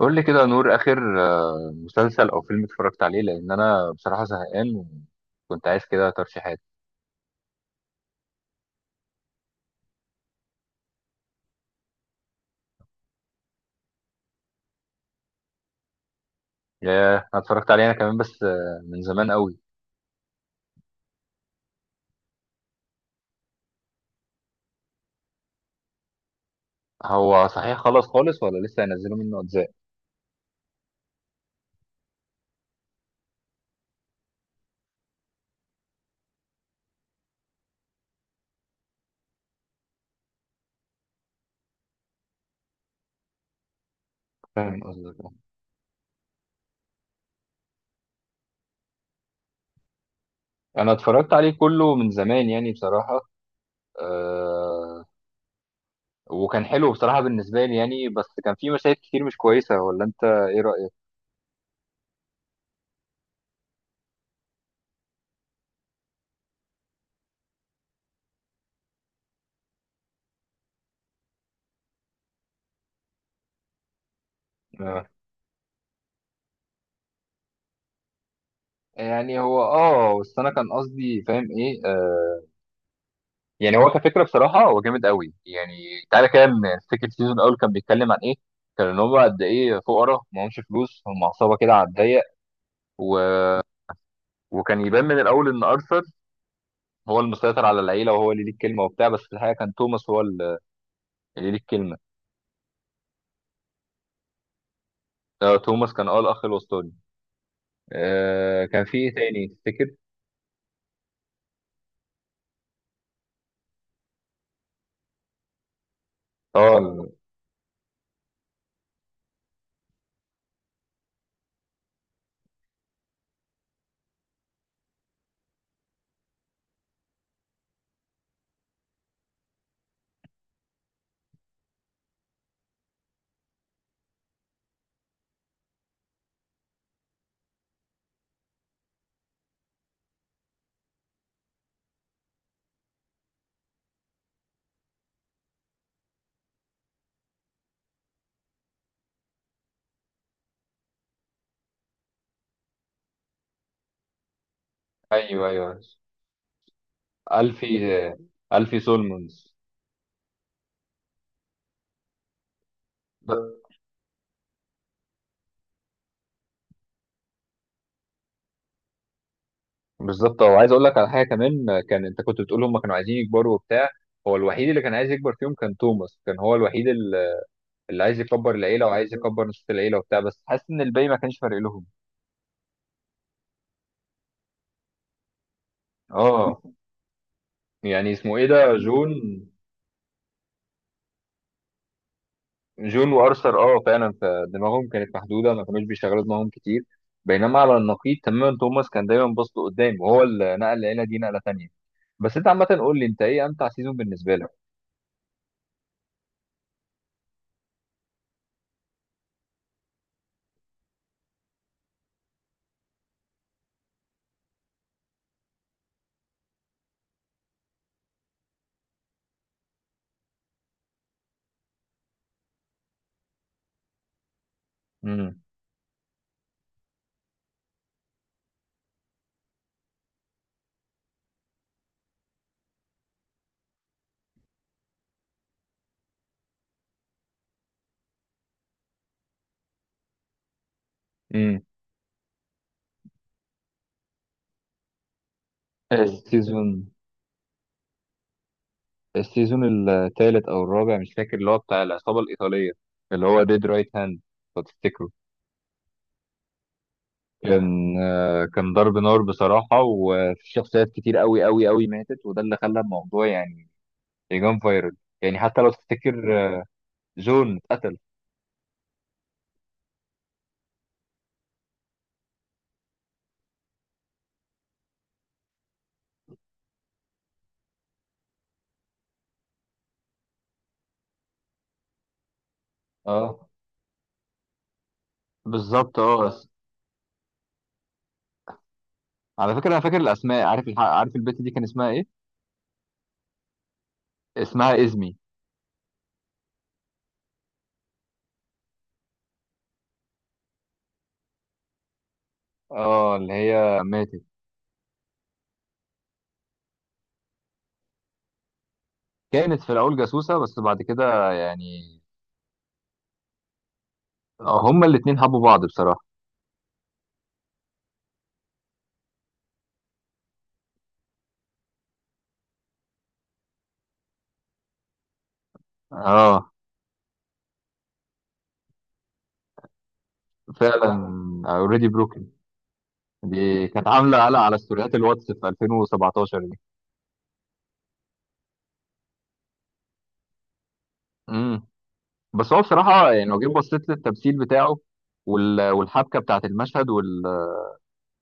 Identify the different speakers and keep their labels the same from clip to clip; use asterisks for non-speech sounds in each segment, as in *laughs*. Speaker 1: قول لي كده يا نور اخر. مسلسل او فيلم اتفرجت عليه لان انا بصراحه زهقان، وكنت عايز كده ترشيحات. ياه، انا اتفرجت عليه انا كمان بس من زمان قوي. هو صحيح خلص خالص ولا لسه هينزلوا منه اجزاء؟ فاهم قصدك، آه. انا اتفرجت عليه كله من زمان يعني بصراحه. أه. وكان حلو بصراحه بالنسبه لي يعني، بس كان في مشاهد كتير مش كويسه، ولا انت ايه رايك؟ آه. يعني هو اه بس انا كان قصدي فاهم ايه، آه. يعني هو كفكره بصراحه هو جامد قوي يعني، تعالى كده من فكره السيزون الاول، كان بيتكلم عن ايه؟ كان ان هم قد ايه فقراء معهمش فلوس، هم عصابه كده على الضيق و... وكان يبان من الاول ان ارثر هو المسيطر على العيله، وهو اللي ليه الكلمه وبتاع، بس في الحقيقه كان توماس هو اللي ليه الكلمه. آه، توماس كان اه الاخ الوسطاني. آه، كان في ايه تاني تفتكر؟ اه ايوه ايوه. الفي الفي سولمونز. بالظبط، وعايز اقول لك على حاجه كمان. كان انت كنت بتقول هم كانوا عايزين يكبروا وبتاع، هو الوحيد اللي كان عايز يكبر فيهم كان توماس، كان هو الوحيد اللي عايز يكبر العيله وعايز يكبر نص العيله وبتاع، بس حاسس ان الباقي ما كانش فارق لهم. اه. يعني اسمه ايه ده، جون؟ جون وارثر، اه فعلا. فدماغهم كانت محدوده، ما كانوش بيشغلوا دماغهم كتير. بينما على النقيض تماما توماس كان دايما باص لقدام، وهو اللي نقل العيله دي نقله تانيه. بس انت عامه قول لي انت ايه امتع سيزون بالنسبه لك؟ امم. امم. السيزون السيزون الثالث او الرابع مش فاكر، اللي هو بتاع العصابه الايطاليه، اللي هو ديد رايت هاند، لو تفتكره. كان كان ضرب نار بصراحه، وفي شخصيات كتير قوي قوي قوي ماتت، وده اللي خلى الموضوع يعني يجان فايرال. يعني حتى لو تفتكر، جون اتقتل. اه بالظبط، اه بس. على فكره انا فاكر الاسماء، عارف عارف البت دي كان اسمها ايه؟ اسمها ازمي. اه اللي هي ماتت. كانت في الاول جاسوسه بس بعد كده يعني، هما الاتنين حبوا بعض بصراحه. اه فعلا، اوريدي بروكن. دي كانت عامله قلق على ستوريات الواتس في 2017 دي. امم. بس هو بصراحه يعني لو جيت بصيت للتمثيل بتاعه، والحبكه بتاعت المشهد وال...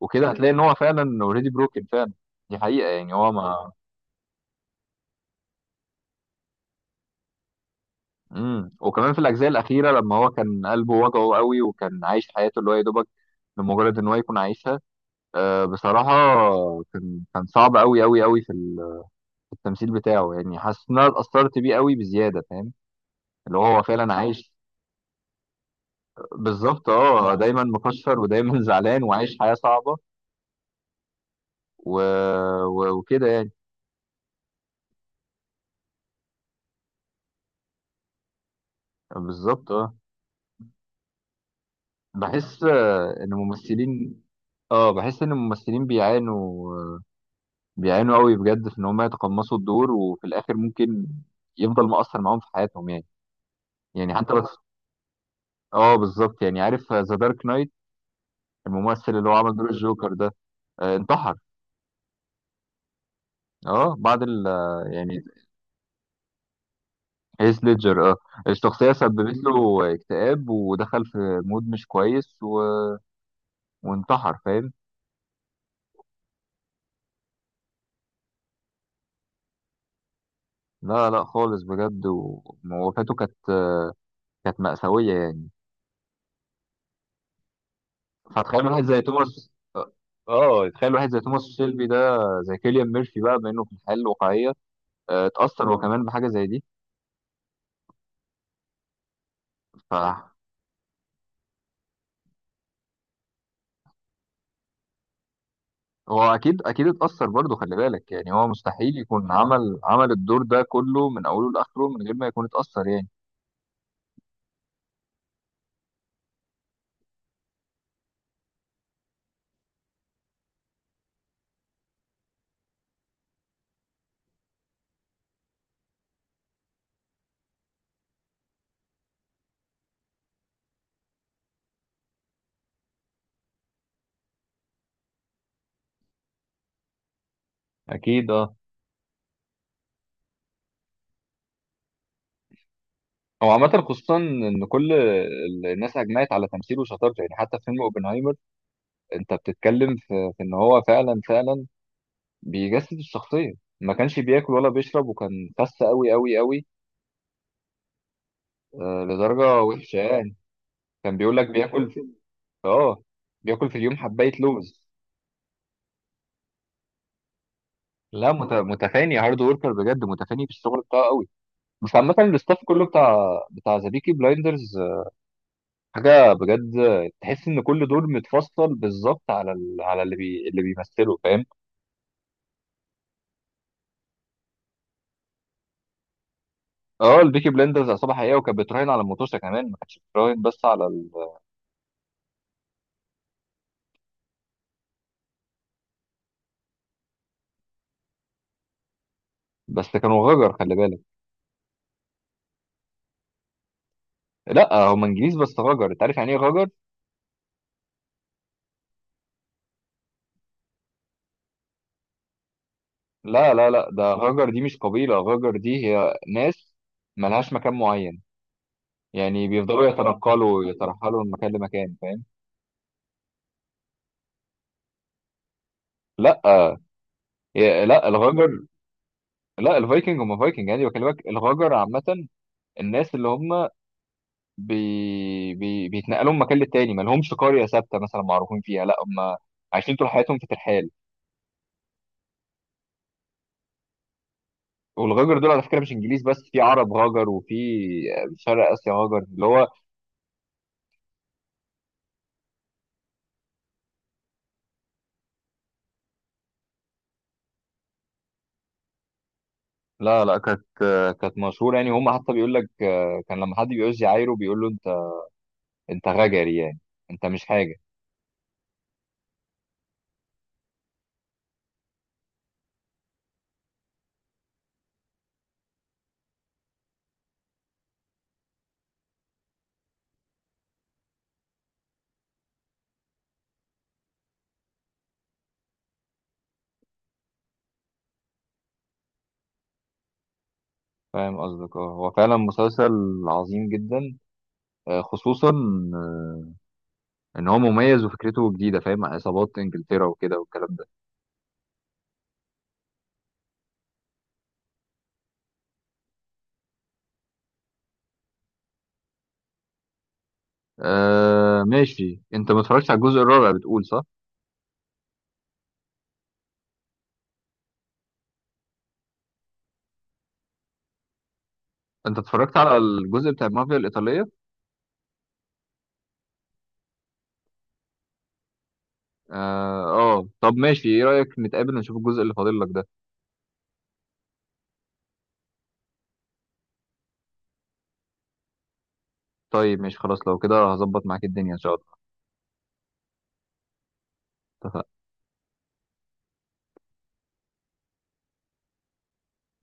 Speaker 1: وكده هتلاقي ان هو فعلا اوريدي بروكن فعلا. دي حقيقه يعني هو ما... امم. وكمان في الاجزاء الاخيره لما هو كان قلبه وجعه قوي، وكان عايش حياته اللي هو يا دوبك لمجرد ان هو يكون عايشها، بصراحه. كان صعب قوي قوي قوي في التمثيل بتاعه، يعني حاسس ان انا اتاثرت بيه قوي بزياده، فاهم، اللي هو فعلا عايش. بالظبط، اه. دايما مكشر، ودايما *laughs* زعلان وعايش حياة صعبة و... و... وكده يعني. بالظبط، اه. بحس ان الممثلين، اه بحس ان الممثلين بيعانوا، بيعانوا قوي بجد في ان هم يتقمصوا الدور، وفي الاخر ممكن يفضل مؤثر معاهم في حياتهم يعني. يعني حتى بس اه بالظبط. يعني عارف ذا دارك نايت، الممثل اللي هو عمل دور الجوكر ده، انتحر. اه بعد ال... يعني هيث ليدجر، اه. الشخصية سببت له اكتئاب، ودخل في مود مش كويس و... وانتحر، فاهم. لا لا خالص، بجد. ووفاته كانت، كانت مأساوية يعني. فتخيل واحد زي توماس، اه تخيل واحد زي توماس شيلبي ده، زي كيليان ميرفي بقى بما انه في الحياة الواقعية، اتأثر هو كمان بحاجة زي دي. فهو أكيد أكيد اتأثر برضه، خلي بالك يعني هو مستحيل يكون عمل الدور ده كله من أوله لآخره من غير ما يكون اتأثر يعني. أكيد اه. هو عامة خصوصا إن كل الناس أجمعت على تمثيله وشطارته، يعني حتى في فيلم أوبنهايمر أنت بتتكلم في، إن هو فعلا فعلا بيجسد الشخصية. ما كانش بياكل ولا بيشرب، وكان خس أوي أوي أوي، آه لدرجة وحشة يعني. كان بيقول لك بياكل في، آه، بياكل في اليوم حباية لوز. لا مت- متفاني، هارد وركر بجد، متفاني في الشغل بتاعه أوي. بس عامة الاستاف كله بتاع ذا بيكي بلايندرز حاجة بجد. تحس إن كل دور متفصل بالظبط على ال... على اللي بي... اللي بيمثله، فاهم. اه البيكي بلندرز عصابه حقيقيه، وكانت بتراهن على المطوشه كمان، ما كانتش بتراهن بس على ال... بس كانوا غجر خلي بالك. لا هم انجليز بس غجر، انت عارف يعني ايه غجر؟ لا لا لا، ده غجر دي مش قبيله، غجر دي هي ناس ملهاش مكان معين، يعني بيفضلوا يتنقلوا ويترحلوا من مكان لمكان، فاهم. لا يا- لا الغجر... لا الفايكنج هم فايكنج، يعني بكلمك الغجر عامه الناس اللي هم بي... بي... بيتنقلوا من مكان للتاني، ما لهمش قريه ثابته مثلا معروفين فيها، لا هم عايشين طول حياتهم في ترحال. والغجر دول على فكره مش انجليز بس، في عرب غجر، وفي شرق اسيا غجر، اللي هو... لا لا، كانت كانت مشهوره يعني، هم حتى بيقول لك كان لما حد بيعوز يعايره بيقول له انت، انت غجري يعني، انت مش حاجه. فاهم قصدك، اه هو فعلا مسلسل عظيم جدا، خصوصا آه، ان هو مميز وفكرته جديده، فاهم، عن عصابات انجلترا وكده والكلام ده. آه ماشي، انت ما اتفرجتش على الجزء الرابع بتقول، صح؟ انت اتفرجت على الجزء بتاع المافيا الايطاليه؟ اه آه. طب ماشي، ايه رأيك نتقابل ونشوف الجزء اللي فاضل لك ده؟ طيب ماشي خلاص، لو كده هظبط معاك الدنيا ان شاء الله. اتفقنا.